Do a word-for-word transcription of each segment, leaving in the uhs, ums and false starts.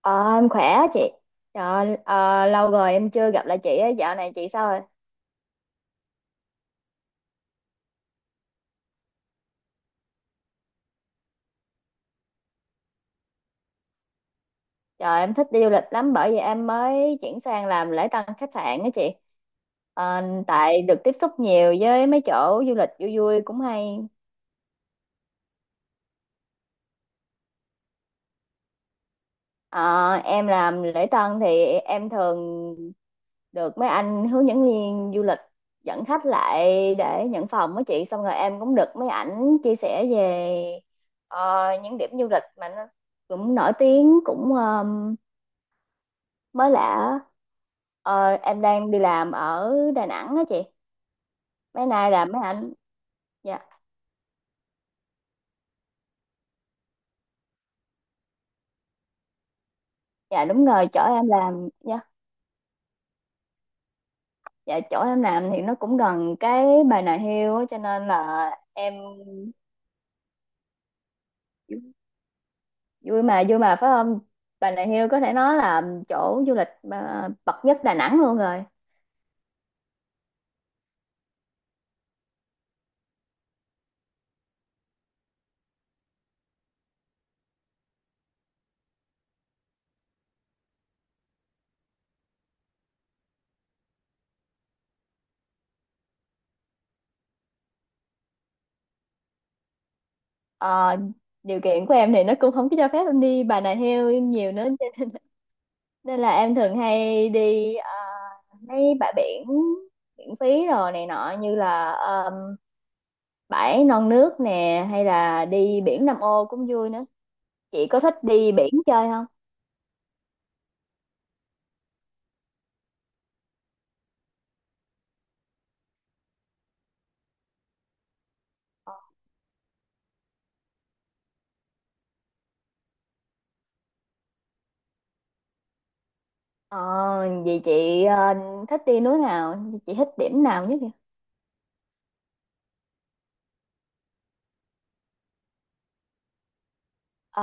Ờ, em khỏe á chị. Trời, ờ, lâu rồi em chưa gặp lại chị á, dạo này chị sao rồi? Trời, em thích đi du lịch lắm bởi vì em mới chuyển sang làm lễ tân khách sạn á chị. Ờ, tại được tiếp xúc nhiều với mấy chỗ du lịch vui vui cũng hay. Ờ, em làm lễ tân thì em thường được mấy anh hướng dẫn viên du lịch dẫn khách lại để nhận phòng á chị. Xong rồi em cũng được mấy ảnh chia sẻ về ờ, những điểm du lịch mà nó cũng nổi tiếng cũng... ờ, mới lạ á. Ờ, em đang đi làm ở Đà Nẵng á chị, mấy nay là mấy anh dạ Dạ đúng rồi, chỗ em làm, dạ, dạ chỗ em làm thì nó cũng gần cái Bà Nà Hills á, cho nên là em vui mà vui mà phải không? Bà Nà Hills có thể nói là chỗ du lịch mà bậc nhất Đà Nẵng luôn rồi. Ờ, điều kiện của em thì nó cũng không có cho phép em đi Bà Nà Hills nhiều nữa, nên là em thường hay đi ờ, mấy bãi biển miễn phí rồi này nọ, như là ờ, bãi Non Nước nè hay là đi biển Nam Ô cũng vui nữa. Chị có thích đi biển chơi không? Ờ, vậy chị ờ, thích đi núi nào, chị thích điểm nào nhất vậy? Ờ,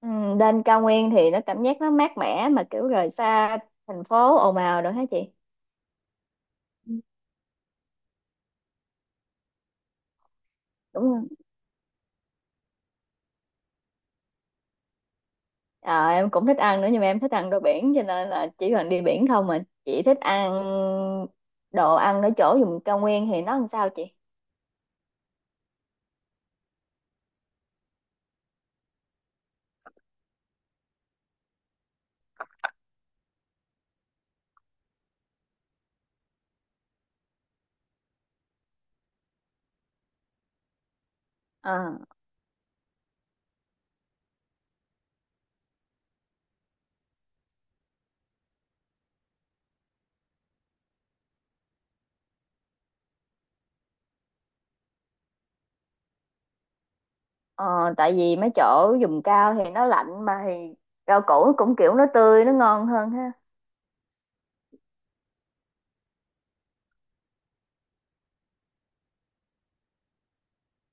ừ, lên cao nguyên thì nó cảm giác nó mát mẻ mà kiểu rời xa thành phố ồn ào rồi hả chị? Ừ. Đúng rồi. Ờ, em cũng thích ăn nữa nhưng mà em thích ăn đồ biển, cho nên là chỉ cần đi biển không. Mà chị thích ăn đồ ăn ở chỗ vùng cao nguyên thì nó làm sao chị? Ờ, ờ, tại vì mấy chỗ vùng cao thì nó lạnh mà thì rau củ nó cũng kiểu nó tươi nó ngon hơn ha.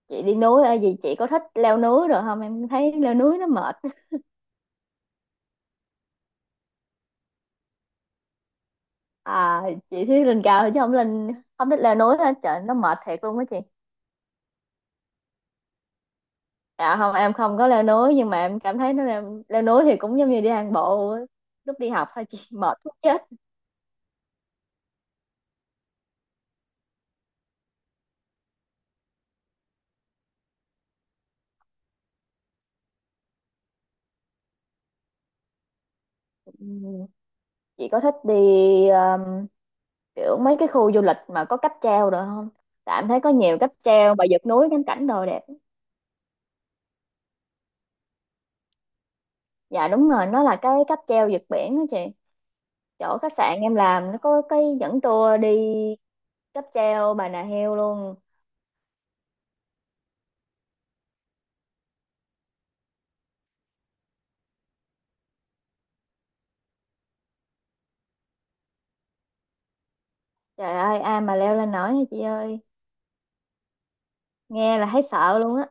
Chị đi núi ờ, gì, chị có thích leo núi rồi không? Em thấy leo núi nó mệt. À chị thích lên cao chứ không lên, không thích leo núi hết. Trời, nó mệt thiệt luôn á chị. Dạ không, em không có leo núi nhưng mà em cảm thấy nó leo, leo núi thì cũng giống như đi hàng bộ á. Lúc đi học thôi chị, mệt muốn chết. Ừ. Chị có thích đi um, kiểu mấy cái khu du lịch mà có cáp treo rồi không? Tại em thấy có nhiều cáp treo và vượt núi ngắm cảnh đồ đẹp. Dạ đúng rồi, nó là cái cáp treo vượt biển đó chị. Chỗ khách sạn em làm nó có cái dẫn tour đi cáp treo Bà Nà Heo luôn. Trời ơi, ai mà leo lên nổi hả chị ơi, nghe là thấy sợ luôn á.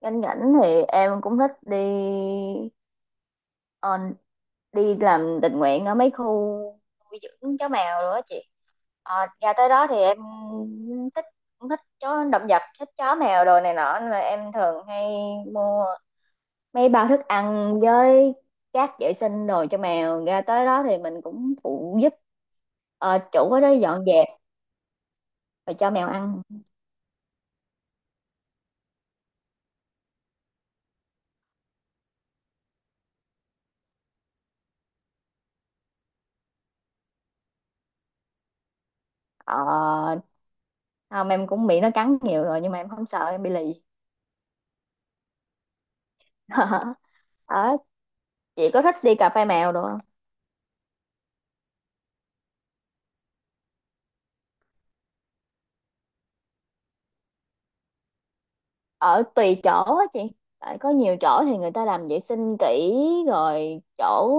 Cảnh cảnh thì em cũng thích đi, Ờ, đi làm tình nguyện ở mấy khu nuôi dưỡng chó mèo rồi đó chị. Ờ, nhà tới đó thì em thích, cũng thích chó, động vật, thích chó mèo đồ này nọ, nên là em thường hay mua mấy bao thức ăn với cát vệ sinh đồ cho mèo. Ra tới đó thì mình cũng phụ giúp ờ, chủ ở đó dọn dẹp rồi cho mèo ăn. Ờ, không, em cũng bị nó cắn nhiều rồi nhưng mà em không sợ, em bị lì. Ờ, chị có thích đi cà phê mèo đồ không? Ở tùy chỗ á chị, tại có nhiều chỗ thì người ta làm vệ sinh kỹ, rồi chỗ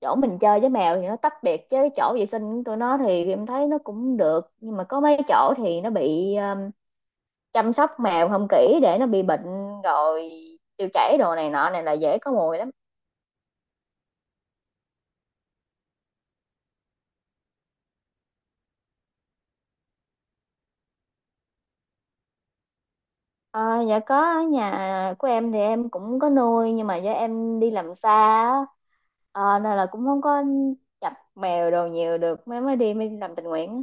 chỗ mình chơi với mèo thì nó tách biệt chứ chỗ vệ sinh của tụi nó thì em thấy nó cũng được. Nhưng mà có mấy chỗ thì nó bị, um, chăm sóc mèo không kỹ để nó bị bệnh rồi tiêu chảy đồ này nọ, này là dễ có mùi lắm. Ờ, dạ có, ở nhà của em thì em cũng có nuôi nhưng mà do em đi làm xa á, ờ, nên là cũng không có chập mèo đồ nhiều được, mới mới đi mới làm tình nguyện á.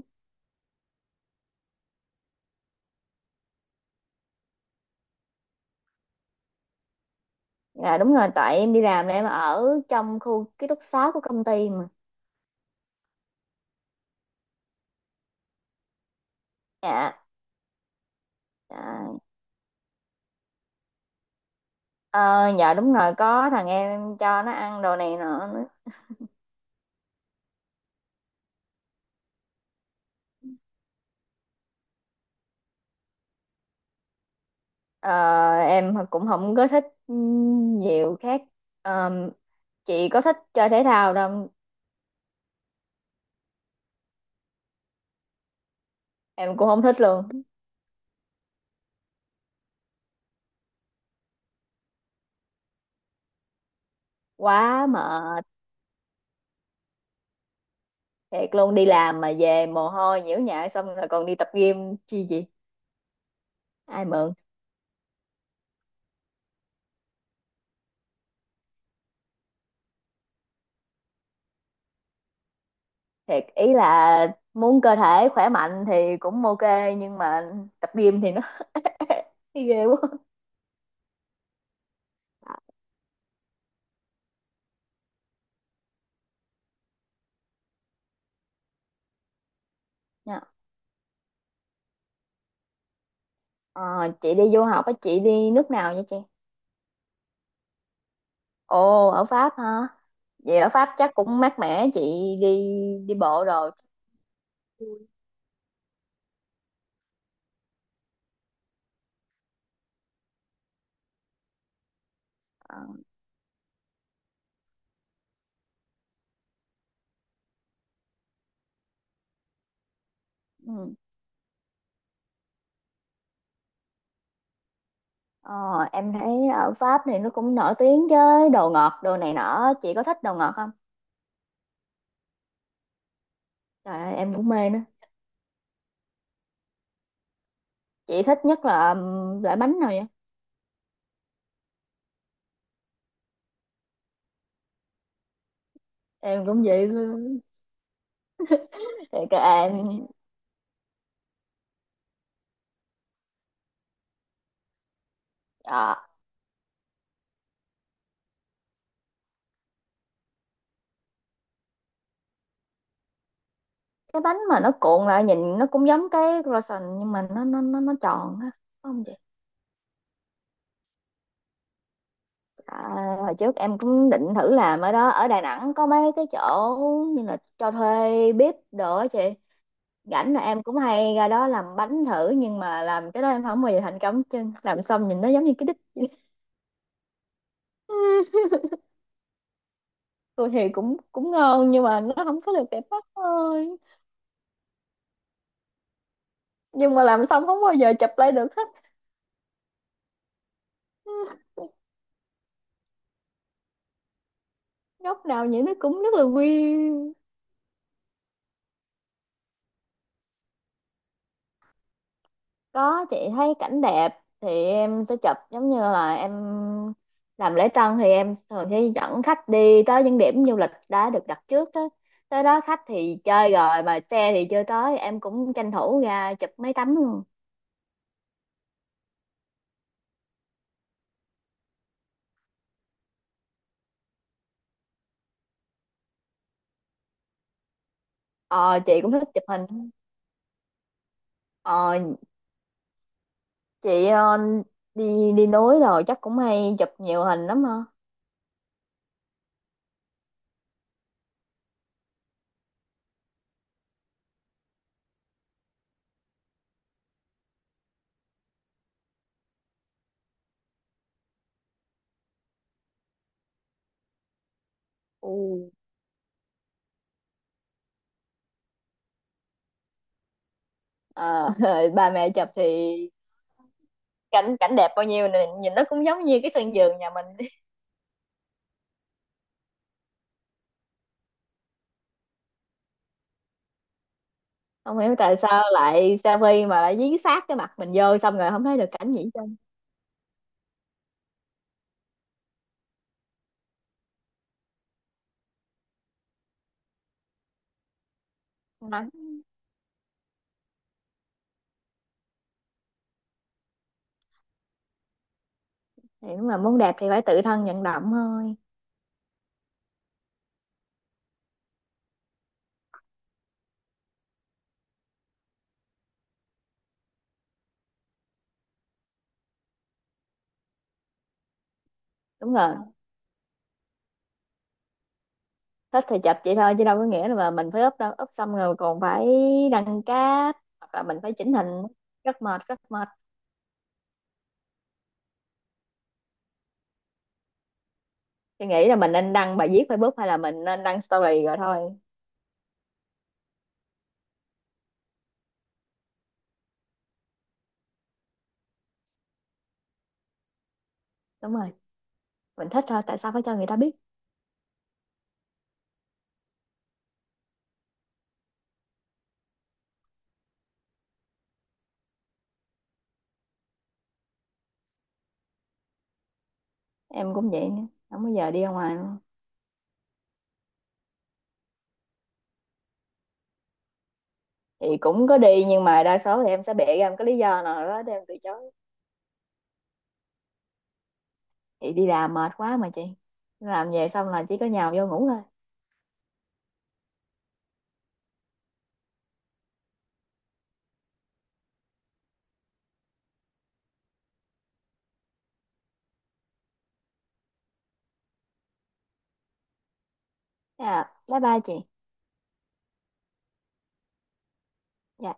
Dạ đúng rồi, tại em đi làm là em ở trong khu ký túc xá của công ty mà. Dạ. Dạ. Ờ, dạ đúng rồi, có thằng em cho nó ăn đồ này nọ nữa. Ờ, em cũng không có thích nhiều khác. Ờ, chị có thích chơi thể thao đâu, em cũng không thích luôn. Quá mệt, thiệt luôn, đi làm mà về mồ hôi nhiễu nhại xong rồi còn đi tập gym chi gì. Ai mượn. Thiệt ý là muốn cơ thể khỏe mạnh thì cũng ok, nhưng mà tập gym thì nó ghê quá. Dạ. Ờ, chị đi du học á, chị đi nước nào vậy chị? Ồ, ở Pháp hả? Vậy ở Pháp chắc cũng mát mẻ chị đi, đi bộ rồi. Ờ, ừ. Ờ, em thấy ở Pháp thì nó cũng nổi tiếng với đồ ngọt đồ này nọ, chị có thích đồ ngọt không? Trời ơi, em cũng mê nữa. Chị thích nhất là ừm, loại bánh nào vậy? Em cũng vậy luôn. Thì cái em, ờ, cái bánh mà nó cuộn lại nhìn nó cũng giống cái croissant nhưng mà nó nó nó nó tròn á, phải không? À, hồi trước em cũng định thử làm ở đó, ở Đà Nẵng có mấy cái chỗ như là cho thuê bếp đồ á chị. Rảnh là em cũng hay ra đó làm bánh thử nhưng mà làm cái đó em không bao giờ thành công chứ, làm xong nhìn nó giống như cái đít vậy. Tôi thì cũng cũng ngon nhưng mà nó không có được đẹp mắt thôi. Nhưng mà làm xong không bao giờ chụp lại được hết, góc nào nhìn nó cũng rất là quy. Có, chị thấy cảnh đẹp thì em sẽ chụp, giống như là em làm lễ tân thì em thường sẽ dẫn khách đi tới những điểm du lịch đã được đặt trước. Tới tới đó khách thì chơi rồi mà xe thì chưa tới, em cũng tranh thủ ra chụp mấy tấm luôn. Ờ chị cũng thích chụp hình, ờ chị ờ, đi đi núi rồi chắc cũng hay chụp nhiều hình lắm ha. Ồ. ờ, Ba mẹ chụp thì cảnh cảnh đẹp bao nhiêu nè, nhìn nó cũng giống như cái sân vườn nhà mình. Không hiểu tại sao lại Savvy mà lại dí sát cái mặt mình vô xong rồi không thấy được cảnh gì hết trơn. Nắng. Thì đúng là muốn đẹp thì phải tự thân vận động thôi. Đúng rồi, thích thì chụp vậy thôi chứ đâu có nghĩa là mà mình phải úp đâu. Úp xong rồi còn phải đăng cáp hoặc là mình phải chỉnh hình, rất mệt, rất mệt. Thì nghĩ là mình nên đăng bài viết Facebook hay là mình nên đăng story rồi thôi. Đúng rồi, mình thích thôi, tại sao phải cho người ta biết. Em cũng vậy nữa, không bao giờ đi ra ngoài luôn. Thì cũng có đi nhưng mà đa số thì em sẽ bịa ra một cái lý do nào đó để em từ chối. Chị đi làm mệt quá mà chị, làm về xong là chỉ có nhào vô ngủ thôi. Thế à, bye bye chị. Dạ.